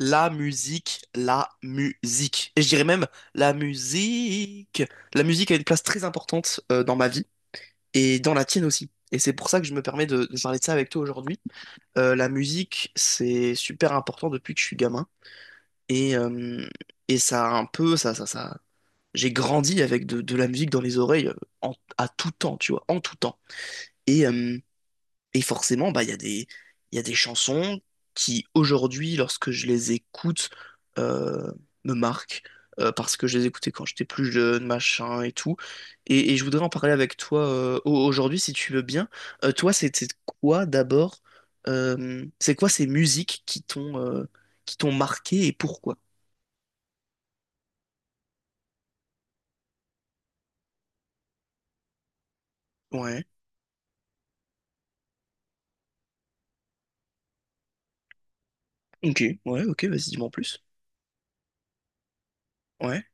La musique, la musique. Et je dirais même la musique. La musique a une place très importante dans ma vie et dans la tienne aussi. Et c'est pour ça que je me permets de parler de ça avec toi aujourd'hui. La musique, c'est super important depuis que je suis gamin. Et, euh, et ça a un peu, ça. J'ai grandi avec de la musique dans les oreilles, à tout temps, tu vois, en tout temps. Et, euh, et forcément, bah, il y a des chansons qui, aujourd'hui, lorsque je les écoute, euh, me marquent, parce que je les écoutais quand j'étais plus jeune, machin et tout. Et je voudrais en parler avec toi, aujourd'hui, si tu veux bien. Toi, c'était quoi d'abord? C'est quoi ces musiques qui t'ont marqué et pourquoi? Ouais. Ok, ouais, ok, vas-y, dis-moi en plus. Ouais.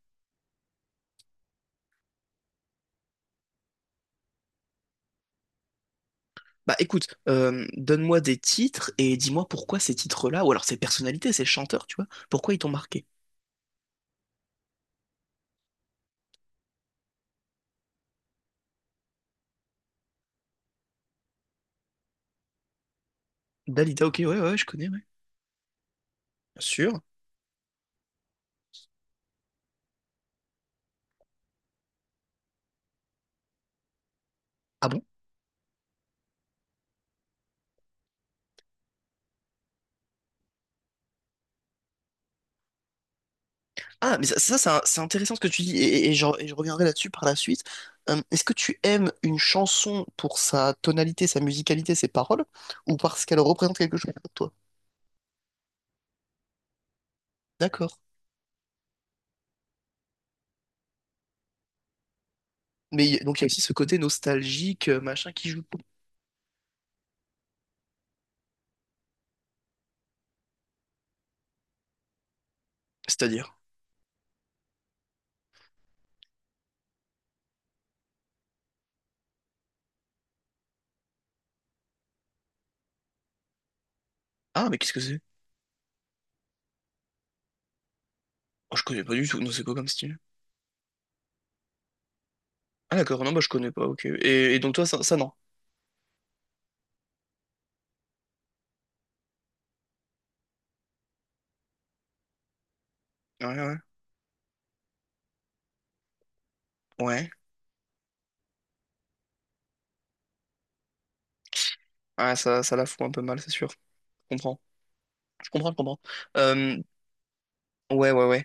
Bah écoute, donne-moi des titres et dis-moi pourquoi ces titres-là, ou alors ces personnalités, ces chanteurs, tu vois, pourquoi ils t'ont marqué. Dalida, ok, ouais, ouais, je connais, ouais. Bien sûr. Ah bon? Ah, mais ça, c'est un- c'est intéressant ce que tu dis, et je reviendrai là-dessus par la suite. Est-ce que tu aimes une chanson pour sa tonalité, sa musicalité, ses paroles, ou parce qu'elle représente quelque chose pour toi? D'accord. Donc il y a aussi ce côté nostalgique, machin, qui joue. C'est-à-dire? Ah, mais qu'est-ce que c'est? Oh, je connais pas du tout, non, c'est quoi comme style? Ah d'accord, non, bah je connais pas, ok. Et donc toi, ça non. Ouais, ouais. Ouais. Ouais, ça la fout un peu mal, c'est sûr. Je comprends. Je comprends, je comprends. Euh, ouais, ouais, ouais.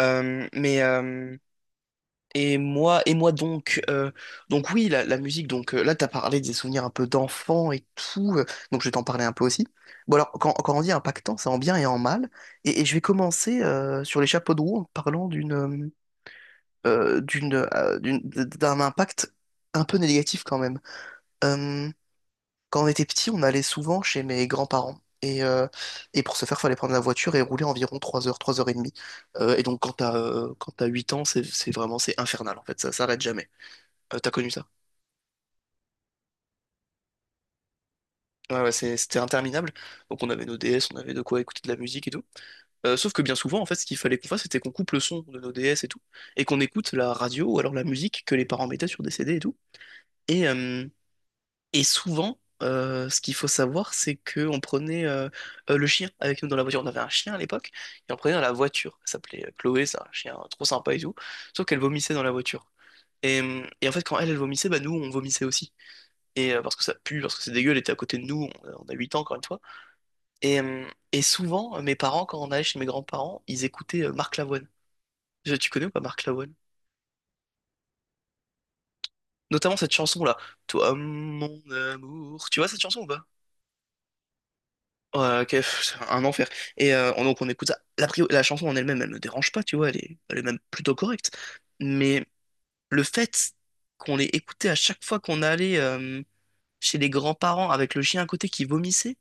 Euh, mais euh, et moi donc oui, la musique, là, t'as parlé des souvenirs un peu d'enfant et tout, donc je vais t'en parler un peu aussi. Bon alors, quand on dit impactant, c'est en bien et en mal. Et je vais commencer sur les chapeaux de roue en parlant d'un impact un peu négatif quand même. Quand on était petit, on allait souvent chez mes grands-parents. Et pour ce faire, fallait prendre la voiture et rouler environ 3 heures, 3 heures et demie. Et donc, quand t'as 8 ans, c'est vraiment c'est infernal en fait, ça s'arrête jamais. T'as connu ça? Ouais, ouais, c'était interminable. Donc, on avait nos DS, on avait de quoi écouter de la musique et tout. Sauf que bien souvent, en fait, ce qu'il fallait qu'on fasse, c'était qu'on coupe le son de nos DS et tout, et qu'on écoute la radio ou alors la musique que les parents mettaient sur des CD et tout. Et, euh, Et souvent, ce qu'il faut savoir, c'est qu'on prenait le chien avec nous dans la voiture. On avait un chien à l'époque, et on prenait dans la voiture. Elle s'appelait Chloé, c'est un chien trop sympa et tout. Sauf qu'elle vomissait dans la voiture. Et en fait, quand elle vomissait, bah, nous, on vomissait aussi. Parce que ça pue, parce que c'est dégueu, elle était à côté de nous, on a 8 ans encore une fois. Et, euh, et souvent, mes parents, quand on allait chez mes grands-parents, ils écoutaient Marc Lavoine. Tu connais ou pas Marc Lavoine? Notamment cette chanson-là. Toi, mon amour. Tu vois cette chanson ou pas? Ouais, ok, pff, c'est un enfer. Donc on écoute ça. La chanson en elle-même, elle ne dérange pas, tu vois, elle est même plutôt correcte. Mais le fait qu'on l'ait écoutée à chaque fois qu'on allait chez les grands-parents avec le chien à côté qui vomissait,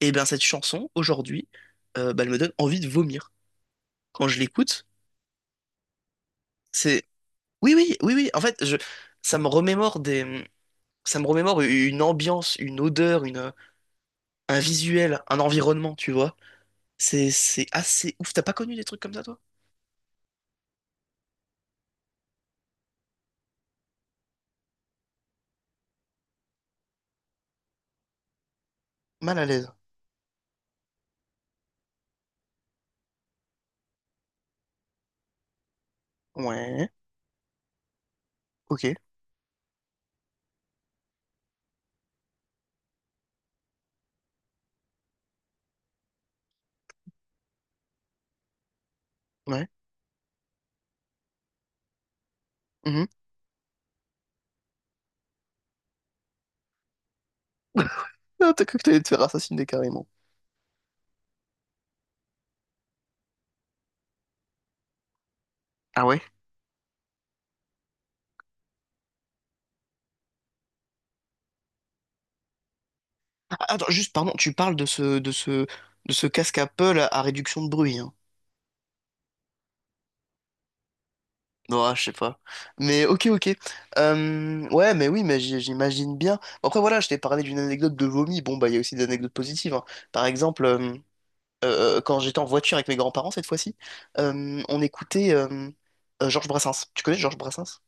et bien cette chanson, aujourd'hui, bah, elle me donne envie de vomir. Quand je l'écoute, c'est... Oui, oui, oui, oui, en fait, je... ça me remémore des... Ça me remémore une ambiance, une odeur, une... un visuel, un environnement, tu vois. C'est assez ouf. T'as pas connu des trucs comme ça, toi? Mal à l'aise. Ouais, ok, ouais. Mhm. Ah, t'as cru que t'allais te faire assassiner carrément. Ah ouais? Ah, attends, juste, pardon, tu parles de ce casque Apple à réduction de bruit, hein. Ouais, je sais pas. Mais ok, ok. Ouais, mais oui, mais j'imagine bien. Après, voilà, je t'ai parlé d'une anecdote de vomi. Bon, bah, il y a aussi des anecdotes positives, hein. Par exemple, quand j'étais en voiture avec mes grands-parents cette fois-ci, on écoutait Georges Brassens. Tu connais Georges Brassens?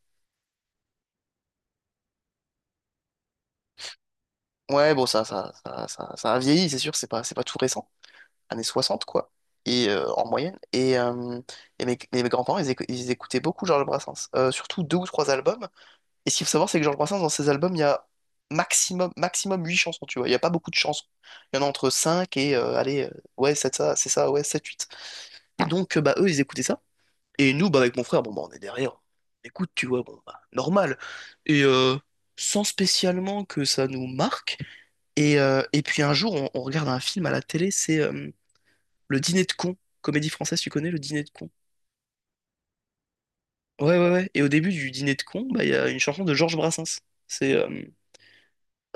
Ouais, bon, ça a vieilli, c'est sûr, c'est pas tout récent. Années 60, quoi, en moyenne. Grands-parents, ils écoutaient beaucoup Georges Brassens. Surtout 2 ou 3 albums. Et ce qu'il faut savoir, c'est que Georges Brassens, dans ses albums, il y a maximum 8 chansons, tu vois. Il n'y a pas beaucoup de chansons. Il y en a entre 5 et, allez, ouais, c'est ça, ouais, 7 8. Bah, eux, ils écoutaient ça. Et nous, bah, avec mon frère, bon, bah, on est derrière, on écoute, tu vois, bon, bah, normal. Et euh, Sans spécialement que ça nous marque. Et puis un jour, on regarde un film à la télé, c'est le dîner de con. Comédie française, tu connais le dîner de con? Ouais, ouais, ouais. Et au début du dîner de con, bah, il y a une chanson de Georges Brassens. C'est euh,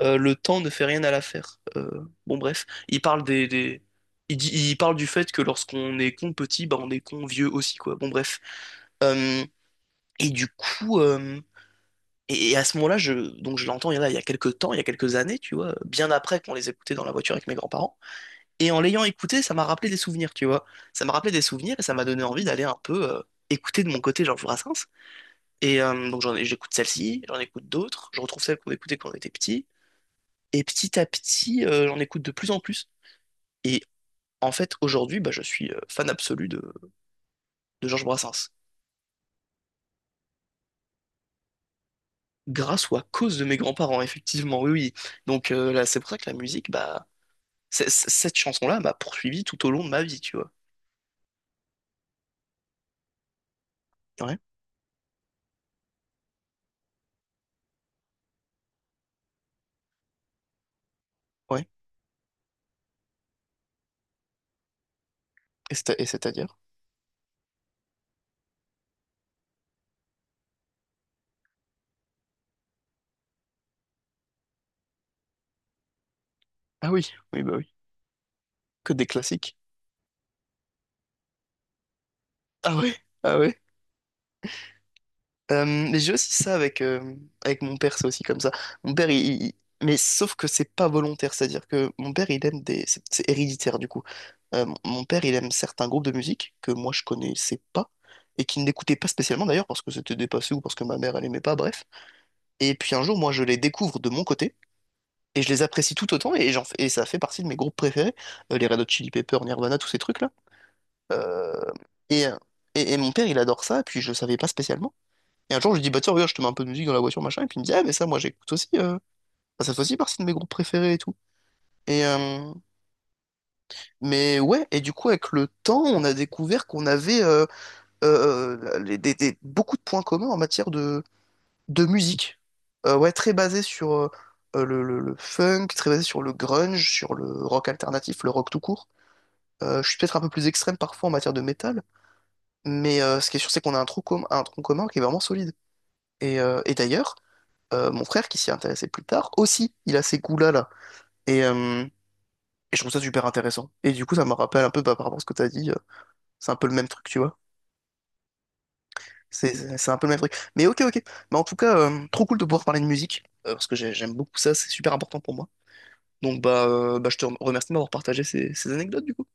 euh, Le temps ne fait rien à l'affaire. Bon, bref. Il dit- il parle du fait que lorsqu'on est con petit, bah, on est con vieux aussi, quoi. Bon, bref. Euh, et du coup. euh, et à ce moment-là, je l'entends il y a quelques temps, il y a quelques années, tu vois, bien après qu'on les écoutait dans la voiture avec mes grands-parents. Et en l'ayant écouté, ça m'a rappelé des souvenirs, tu vois. Ça m'a rappelé des souvenirs et ça m'a donné envie d'aller un peu écouter de mon côté Georges Brassens. J'écoute celle-ci, j'en écoute d'autres, je retrouve celles qu'on écoutait quand on était petit. Et petit à petit, j'en écoute de plus en plus. Et en fait, aujourd'hui, bah, je suis fan absolu de Georges Brassens. Grâce ou à cause de mes grands-parents, effectivement, oui, oui. Là, c'est pour ça que la musique, bah, cette chanson-là m'a poursuivi tout au long de ma vie, tu vois. Ouais, ouais. Et c'est-à-dire? Ah oui, oui, bah oui. Que des classiques. Ah ouais? Ah ouais? Mais j'ai aussi ça avec, avec mon père, c'est aussi comme ça. Mon père, il- Mais sauf que c'est pas volontaire, c'est-à-dire que mon père, il aime des... C'est héréditaire, du coup. Mon père, il aime certains groupes de musique que moi, je connaissais pas et qu'il n'écoutait pas spécialement, d'ailleurs, parce que c'était dépassé ou parce que ma mère, elle aimait pas, bref. Et puis un jour, moi, je les découvre de mon côté et je les apprécie tout autant et ça fait partie de mes groupes préférés, les Red Hot Chili Peppers, Nirvana, tous ces trucs-là. Euh, Et, et mon père, il adore ça, puis je le savais pas spécialement. Et un jour, je lui dis, bah tiens, regarde, je te mets un peu de musique dans la voiture, machin. Et puis il me dit, ah, mais ça, moi, j'écoute aussi. Enfin, ça fait aussi partie de mes groupes préférés et tout. Et, euh, mais ouais, et du coup, avec le temps, on a découvert qu'on avait beaucoup de points communs en matière de musique. Ouais, très basé sur le funk, très basé sur le grunge, sur le rock alternatif, le rock tout court. Je suis peut-être un peu plus extrême parfois en matière de métal, mais ce qui est sûr, c'est qu'on a un tronc commun qui est vraiment solide. Et d'ailleurs, mon frère qui s'y intéressait plus tard, aussi, il a ces goûts-là, là. Et, euh, et je trouve ça super intéressant. Et du coup, ça me rappelle un peu, bah, par rapport à ce que t'as dit, c'est un peu le même truc, tu vois. C'est un peu le même truc. Mais ok, ok. Mais en tout cas, trop cool de pouvoir parler de musique, parce que j'aime beaucoup ça, c'est super important pour moi. Donc, bah, bah, je te remercie de m'avoir partagé ces anecdotes, du coup.